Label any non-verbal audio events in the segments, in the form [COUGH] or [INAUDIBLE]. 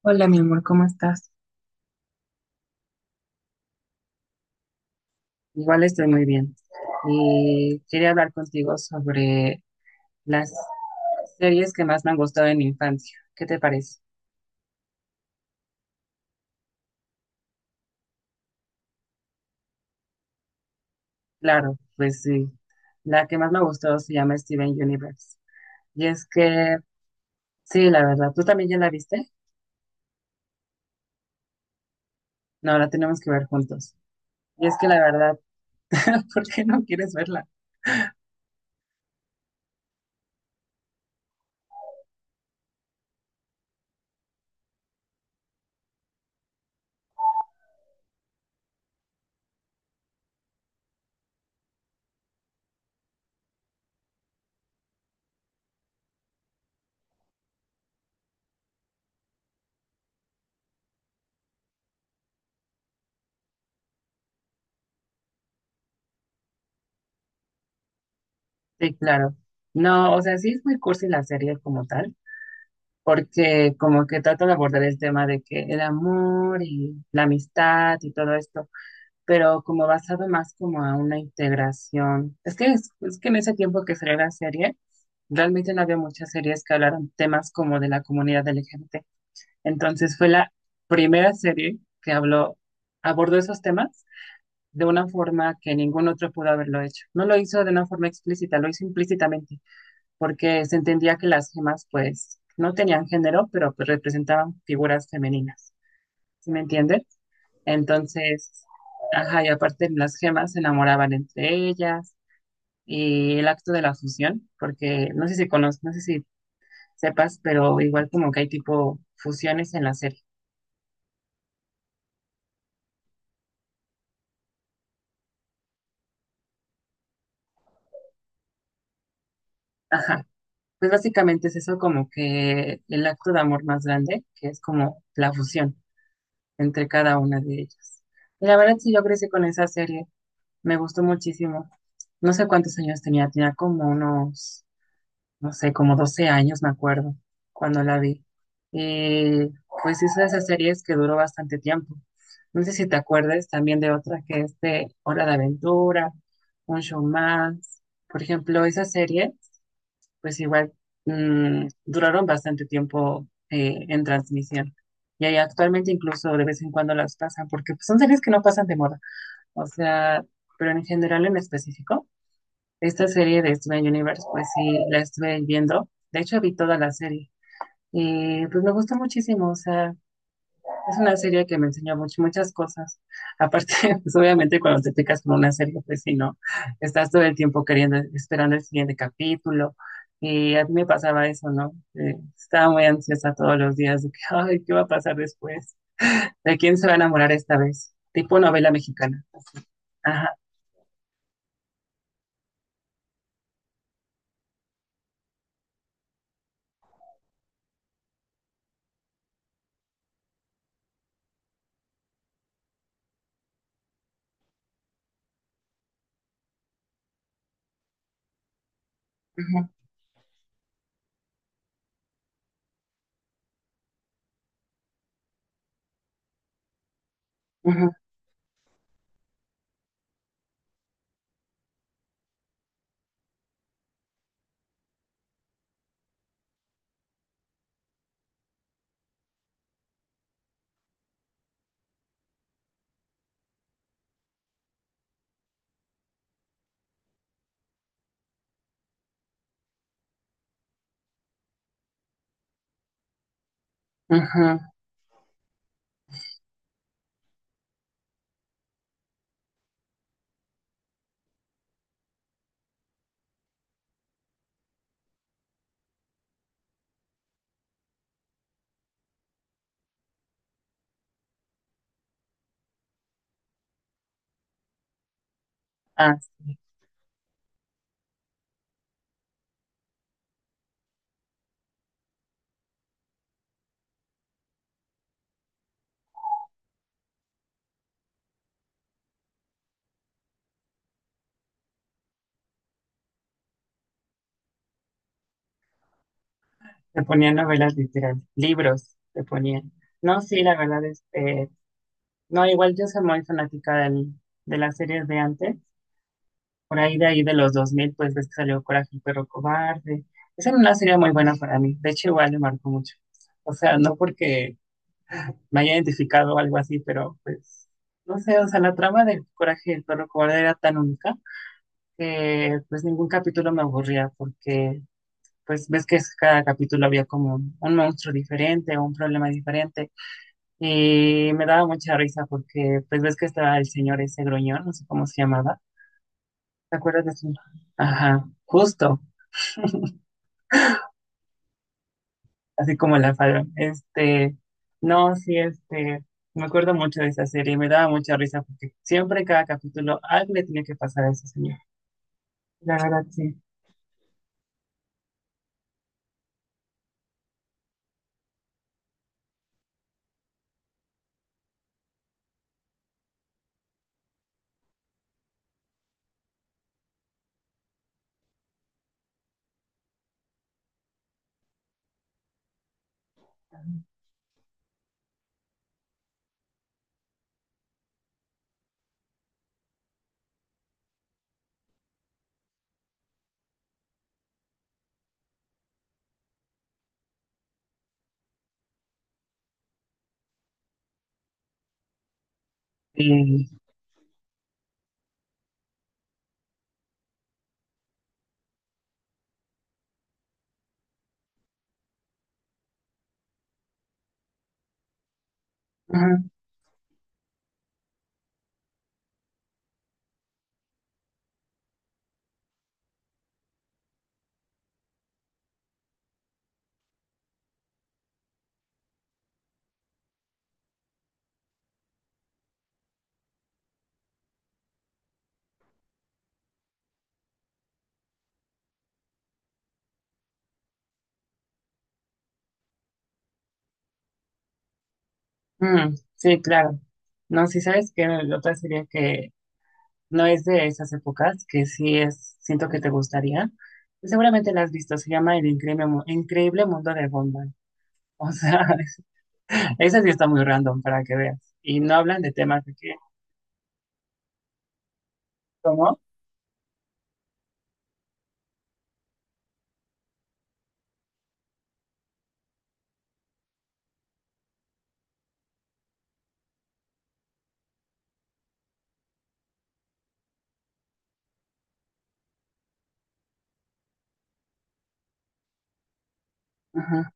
Hola, mi amor, ¿cómo estás? Igual estoy muy bien. Y quería hablar contigo sobre las series que más me han gustado en mi infancia. ¿Qué te parece? Claro, pues sí. La que más me gustó se llama Steven Universe. Y es que, sí, la verdad, ¿tú también ya la viste? No, la tenemos que ver juntos. Y es que la verdad, [LAUGHS] ¿por qué no quieres verla? Sí, claro. No, o sea, sí es muy cursi la serie como tal, porque como que trato de abordar el tema de que el amor y la amistad y todo esto, pero como basado más como a una integración. Es que en ese tiempo que salió la serie, realmente no había muchas series que hablaran temas como de la comunidad LGBT. Entonces fue la primera serie que habló, abordó esos temas de una forma que ningún otro pudo haberlo hecho. No lo hizo de una forma explícita, lo hizo implícitamente porque se entendía que las gemas pues no tenían género, pero pues representaban figuras femeninas, ¿sí me entiendes? Entonces, ajá, y aparte las gemas se enamoraban entre ellas y el acto de la fusión, porque no sé si conoces, no sé si sepas, pero igual como que hay tipo fusiones en la serie. Ajá. Pues básicamente es eso, como que el acto de amor más grande, que es como la fusión entre cada una de ellas. Y la verdad sí, yo crecí con esa serie, me gustó muchísimo. No sé cuántos años tenía, tenía como unos, no sé, como 12 años, me acuerdo, cuando la vi. Eh, pues hizo esas series que duró bastante tiempo. No sé si te acuerdas también de otras, que es de Hora de Aventura, Un Show Más. Por ejemplo, esas series, pues igual duraron bastante tiempo, en transmisión. Y ahí actualmente incluso de vez en cuando las pasan, porque pues, son series que no pasan de moda. O sea, pero en general en específico. Esta serie de Steven Universe, pues sí, la estuve viendo. De hecho, vi toda la serie. Y pues me gustó muchísimo. O sea, es una serie que me enseñó muchas cosas. Aparte, [LAUGHS] pues obviamente cuando te picas con una serie, pues si no, estás todo el tiempo queriendo, esperando el siguiente capítulo. Y a mí me pasaba eso, ¿no? Estaba muy ansiosa todos los días de que, [LAUGHS] ay, ¿qué va a pasar después? ¿De quién se va a enamorar esta vez? Tipo novela mexicana. Ajá. Ujú, ujú, ujú. Ah, te ponían novelas literarias, libros te ponían. No, sí, la verdad, no, igual yo soy muy fanática del, de las series de antes, por ahí de los dos mil, pues ves que salió Coraje el perro cobarde. Esa era una serie muy buena para mí, de hecho igual me marcó mucho. O sea, no porque me haya identificado o algo así, pero pues, no sé, o sea, la trama de Coraje el perro cobarde era tan única que pues ningún capítulo me aburría, porque pues ves que cada capítulo había como un monstruo diferente o un problema diferente, y me daba mucha risa porque pues ves que estaba el señor ese gruñón, no sé cómo se llamaba, ¿te acuerdas de su? Ajá, justo, así como la falda. No, sí, me acuerdo mucho de esa serie, me daba mucha risa porque siempre cada capítulo algo le tenía que pasar a ese señor. La verdad, sí. Sí, ujú, ujú, sí, claro. No, sí, sabes que la otra serie que no es de esas épocas, que sí es, siento que te gustaría. Seguramente la has visto, se llama El Increíble, Increíble Mundo de Gumball. O sea, [LAUGHS] esa sí está muy random para que veas. Y no hablan de temas de que, ¿cómo? Ajá,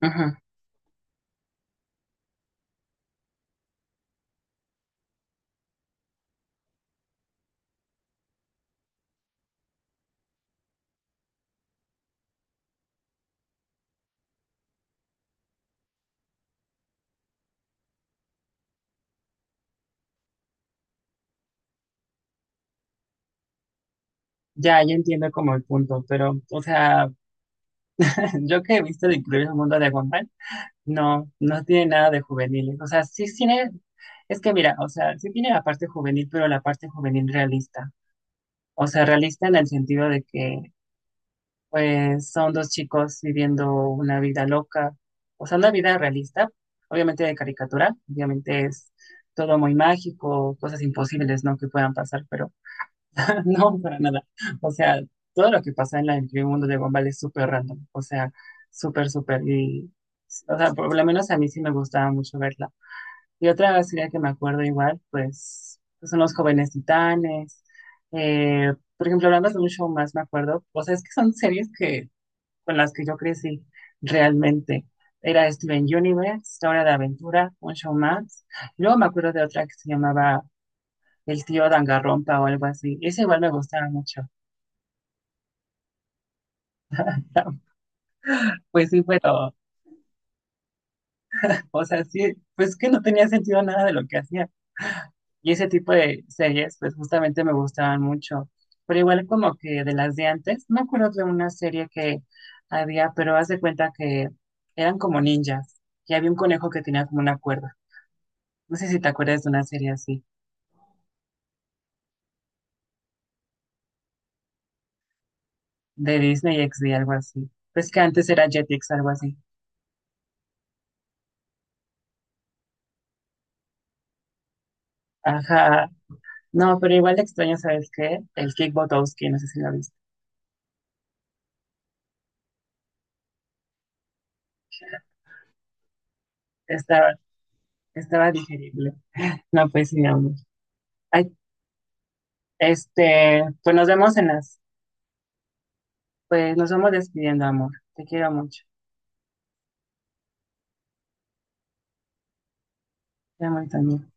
ajá. Ya, ya entiendo como el punto, pero, o sea, [LAUGHS] yo que he visto El Increíble Mundo de Gumball, no, no tiene nada de juveniles. O sea, sí tiene, es que mira, o sea, sí tiene la parte juvenil, pero la parte juvenil realista. O sea, realista en el sentido de que pues son dos chicos viviendo una vida loca, o sea, una vida realista, obviamente de caricatura, obviamente es todo muy mágico, cosas imposibles, ¿no? que puedan pasar, pero [LAUGHS] no, para nada. O sea, todo lo que pasa en, la, en el mundo de Gumball es súper random, o sea, súper, súper, y, o sea, por lo menos a mí sí me gustaba mucho verla. Y otra serie que me acuerdo igual, pues, son Los Jóvenes Titanes, por ejemplo, hablando de Un Show Más, me acuerdo, o sea, es que son series que con las que yo crecí realmente. Era Steven Universe, Hora de Aventura, Un Show Más. Luego me acuerdo de otra que se llamaba El tío Dangarrompa o algo así. Ese igual me gustaba mucho. [LAUGHS] Pues sí, pero, o sea, sí, pues que no tenía sentido nada de lo que hacía. Y ese tipo de series, pues justamente me gustaban mucho. Pero igual como que de las de antes, me acuerdo de una serie que había, pero haz de cuenta que eran como ninjas. Y había un conejo que tenía como una cuerda. No sé si te acuerdas de una serie así. De Disney XD, algo así. Pues que antes era Jetix, algo así. Ajá. No, pero igual extraño, ¿sabes qué? El Kick Botowski, no sé si lo viste. Estaba, estaba digerible. No, pues sí, amor. Ay, pues nos vemos en las, pues nos vamos despidiendo, amor. Te quiero mucho. Te amo y también.